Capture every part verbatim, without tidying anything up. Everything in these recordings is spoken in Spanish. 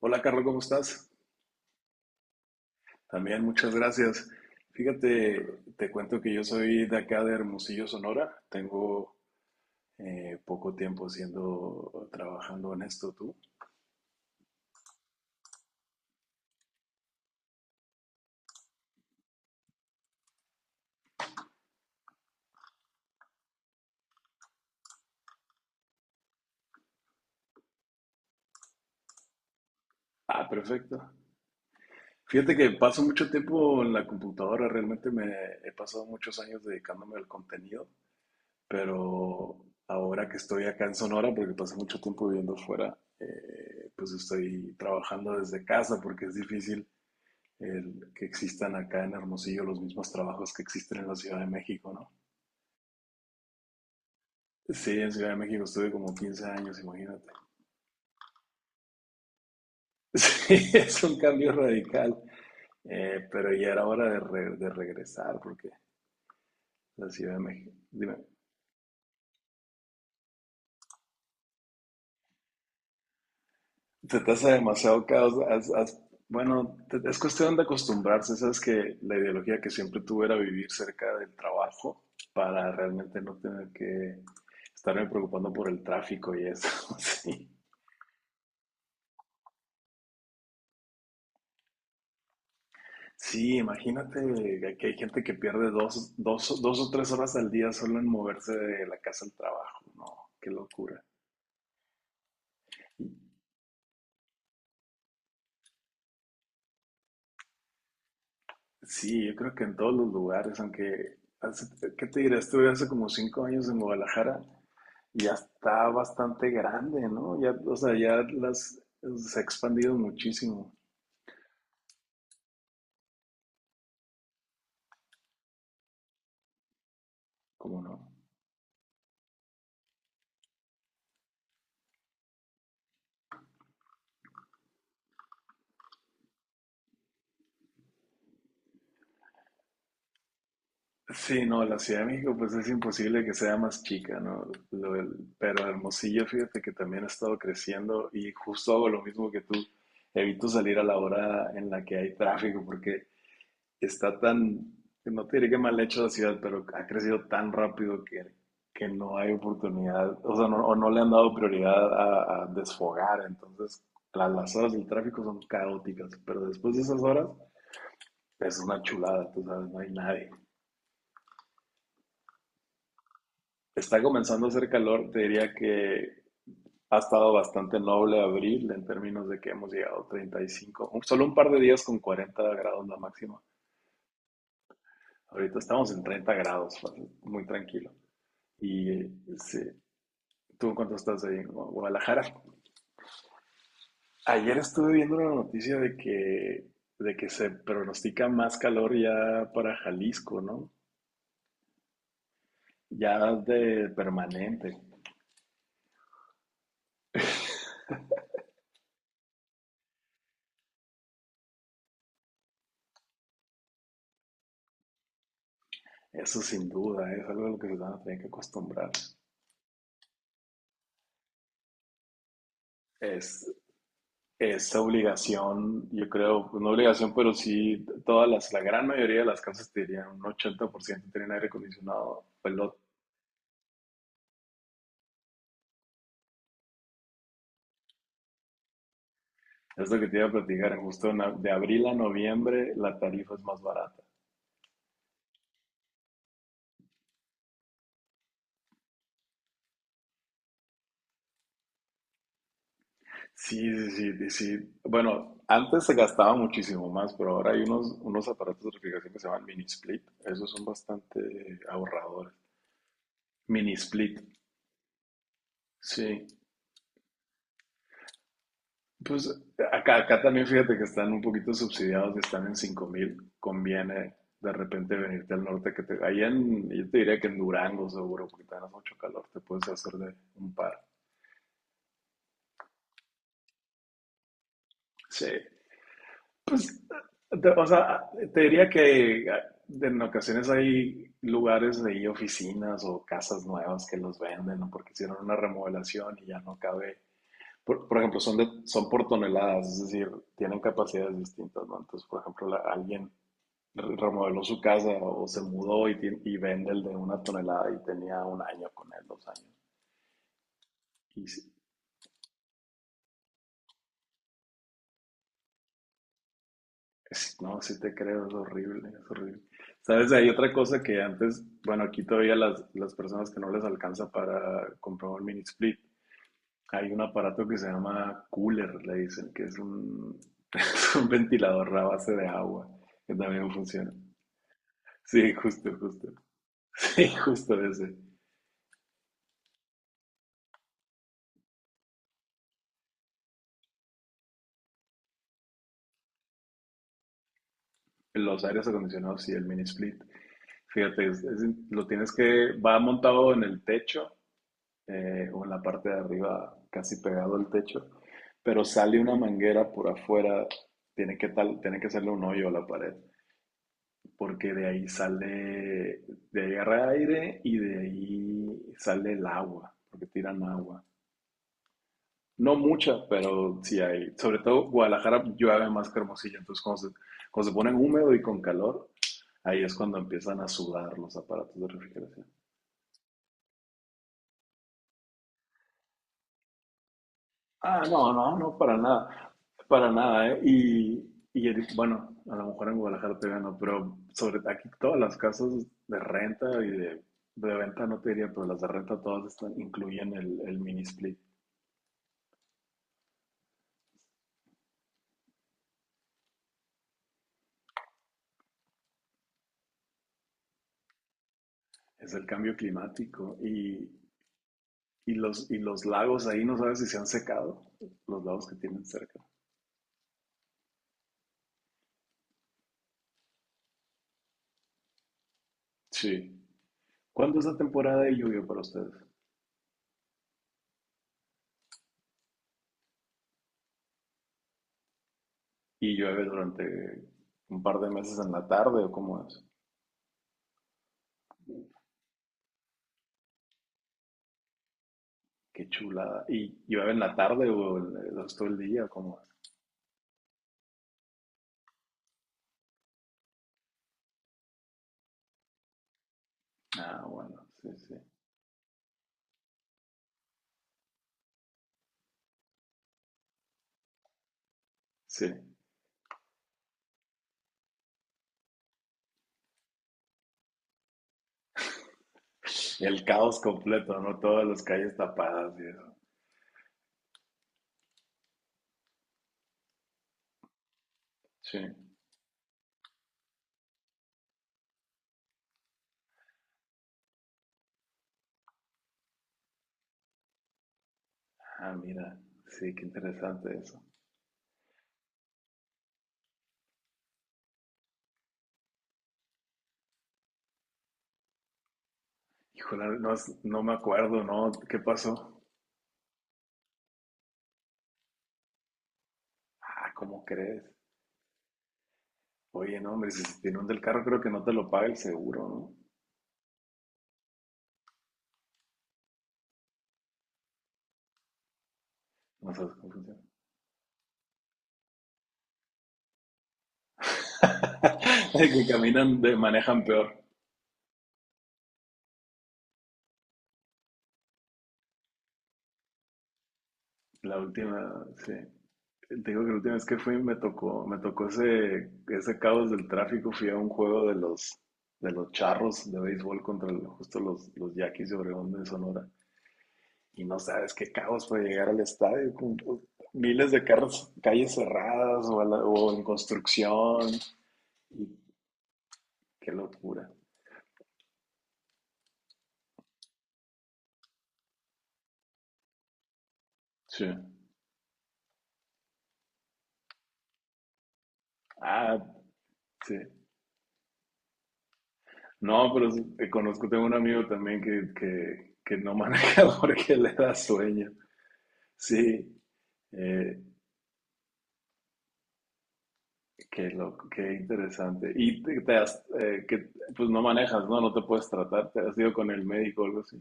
Hola, Carlos, ¿cómo estás? También, muchas gracias. Fíjate, te cuento que yo soy de acá de Hermosillo, Sonora. Tengo eh, poco tiempo siendo, trabajando en esto, ¿tú? Ah, perfecto. Fíjate que paso mucho tiempo en la computadora, realmente me he pasado muchos años dedicándome al contenido, pero ahora que estoy acá en Sonora, porque pasé mucho tiempo viviendo fuera, eh, pues estoy trabajando desde casa porque es difícil el que existan acá en Hermosillo los mismos trabajos que existen en la Ciudad de México, ¿no? Sí, en Ciudad de México estuve como quince años, imagínate. Sí, es un cambio radical, eh, pero ya era hora de, re- de regresar porque la Ciudad de México, dime, te tasa demasiado caos, haz- haz- bueno, te- es cuestión de acostumbrarse, sabes que la ideología que siempre tuve era vivir cerca del trabajo para realmente no tener que estarme preocupando por el tráfico y eso, sí. Sí, imagínate que hay gente que pierde dos, dos, dos o tres horas al día solo en moverse de la casa al trabajo. No, qué locura. Sí, yo creo que en todos los lugares, aunque, hace- ¿qué te diré? Estuve hace como cinco años en Guadalajara y ya está bastante grande, ¿no? Ya, o sea, ya las, se ha expandido muchísimo, ¿cómo no? Sí, no, la Ciudad de México pues es imposible que sea más chica, ¿no? Lo del- pero Hermosillo, fíjate que también ha estado creciendo y justo hago lo mismo que tú. Evito salir a la hora en la que hay tráfico porque está tan, no te diré que mal hecho la ciudad, pero ha crecido tan rápido que, que no hay oportunidad, o sea, no, o no le han dado prioridad a, a desfogar. Entonces, la- las horas del tráfico son caóticas, pero después de esas horas es una chulada, tú sabes, no hay nadie. Está comenzando a hacer calor, te diría que ha estado bastante noble abril en términos de que hemos llegado a treinta y cinco, un- solo un par de días con cuarenta grados la máxima. Ahorita estamos en treinta grados, fácil, muy tranquilo. Y eh, sí, ¿tú en cuánto estás ahí en Gua- Guadalajara? Ayer estuve viendo una noticia de que, de que se pronostica más calor ya para Jalisco, ¿no? Ya de permanente. Eso sin duda, ¿eh? Es algo a lo que se van a tener que acostumbrar. Es, esa obligación, yo creo, pues, no obligación, pero sí todas las, la gran mayoría de las casas te dirían, un ochenta por ciento tienen aire acondicionado. Pues lo, es lo que te iba a platicar, en justo en a- de abril a noviembre la tarifa es más barata. Sí, sí, sí, sí. Bueno, antes se gastaba muchísimo más, pero ahora hay unos, unos aparatos de refrigeración que se llaman mini split. Esos son bastante ahorradores. Mini split, sí. Pues acá, acá también fíjate que están un poquito subsidiados y están en cinco mil. Conviene de repente venirte al norte, que te, ahí en, yo te diría que en Durango seguro, porque tenés mucho calor, te puedes hacer de un par. Sí, pues, te- o sea, te diría que en ocasiones hay lugares de ahí, oficinas o casas nuevas que los venden, ¿no? Porque hicieron una remodelación y ya no cabe. Por, por ejemplo, son, de, son por toneladas, es decir, tienen capacidades distintas, ¿no? Entonces, por ejemplo, la- alguien remodeló su casa o se mudó y, tien- y vende el de una tonelada y tenía un año con él, dos años. Y sí, es- no, sí te creo, es horrible, es horrible. ¿Sabes? Hay otra cosa que antes, bueno, aquí todavía las, las personas que no les alcanza para comprar un mini split, hay un aparato que se llama cooler, le dicen, que es un, es un ventilador a base de agua, que también funciona. Sí, justo, justo. Sí, justo ese. Los aires acondicionados y el mini split. Fíjate, es- es- lo tienes que, va montado en el techo eh, o en la parte de arriba, casi pegado al techo, pero sale una manguera por afuera, tiene que, tal, tiene que hacerle un hoyo a la pared, porque de ahí sale, de ahí agarra aire y de ahí sale el agua, porque tiran agua. No mucha, pero sí hay, sobre todo Guadalajara llueve más que Hermosillo, entonces cuando se, cuando se ponen húmedo y con calor, ahí es cuando empiezan a sudar los aparatos de refrigeración. Ah, no, no, no, para nada, para nada, ¿eh? Y, y el- bueno, a lo mejor en Guadalajara todavía no, pero sobre aquí todas las casas de renta y de, de venta no te diría, pero las de renta todas están, incluyen el, el mini split, es el cambio climático y, y los, y los lagos ahí no sabes si se han secado, los lagos que tienen cerca. Sí. ¿Cuándo es la temporada de lluvia para ustedes? ¿Y llueve durante un par de meses en la tarde o cómo es? Qué chulada. ¿Y llueve en la tarde o en- durante todo el día? ¿Cómo? Ah, bueno, sí, sí. Sí. El caos completo, ¿no? Todas las calles tapadas y eso. Sí. Ah, mira. Sí, qué interesante eso. Híjole, no, es- no me acuerdo, ¿no? ¿Qué pasó? Ah, ¿cómo crees? Oye, no, hombre, si se te inunda el carro, creo que no te lo paga el seguro, ¿no? No sabes cómo funciona. Que caminan, de, manejan peor. La última, sí. Te digo que la última vez que fui me tocó, me tocó ese, ese caos del tráfico. Fui a un juego de los, de los charros de béisbol contra el- justo los, los Yaquis de Obregón de Sonora. Y no sabes qué caos fue llegar al estadio con miles de carros, calles cerradas o, a la- o en construcción. Y qué locura. Sí. Ah, sí. No, pero sí, eh, conozco, tengo un amigo también que, que, que no maneja porque le da sueño. Sí. Eh, qué loco, qué interesante. Y te, te has, eh, que, pues no manejas, ¿no? No te puedes tratar, te has ido con el médico o algo así.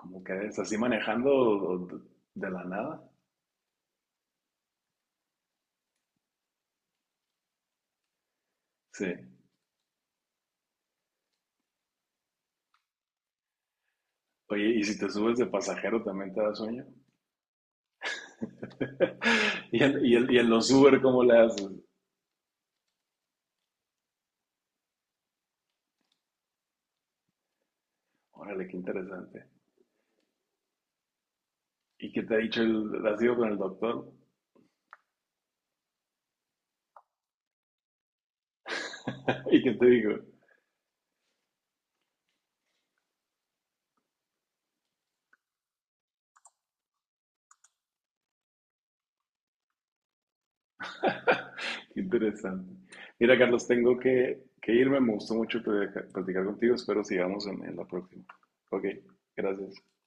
Como que es así manejando o- o de de la nada. Sí. Oye, y si te subes de pasajero también te da sueño. Y en, y en- y en los Uber, ¿cómo le haces? Órale, qué interesante. ¿Y qué te ha dicho el, has ido con el doctor? ¿Y qué te digo? Qué interesante. Mira, Carlos, tengo que, que irme. Me gustó mucho platicar platicar contigo. Espero sigamos en en la próxima. Ok, gracias.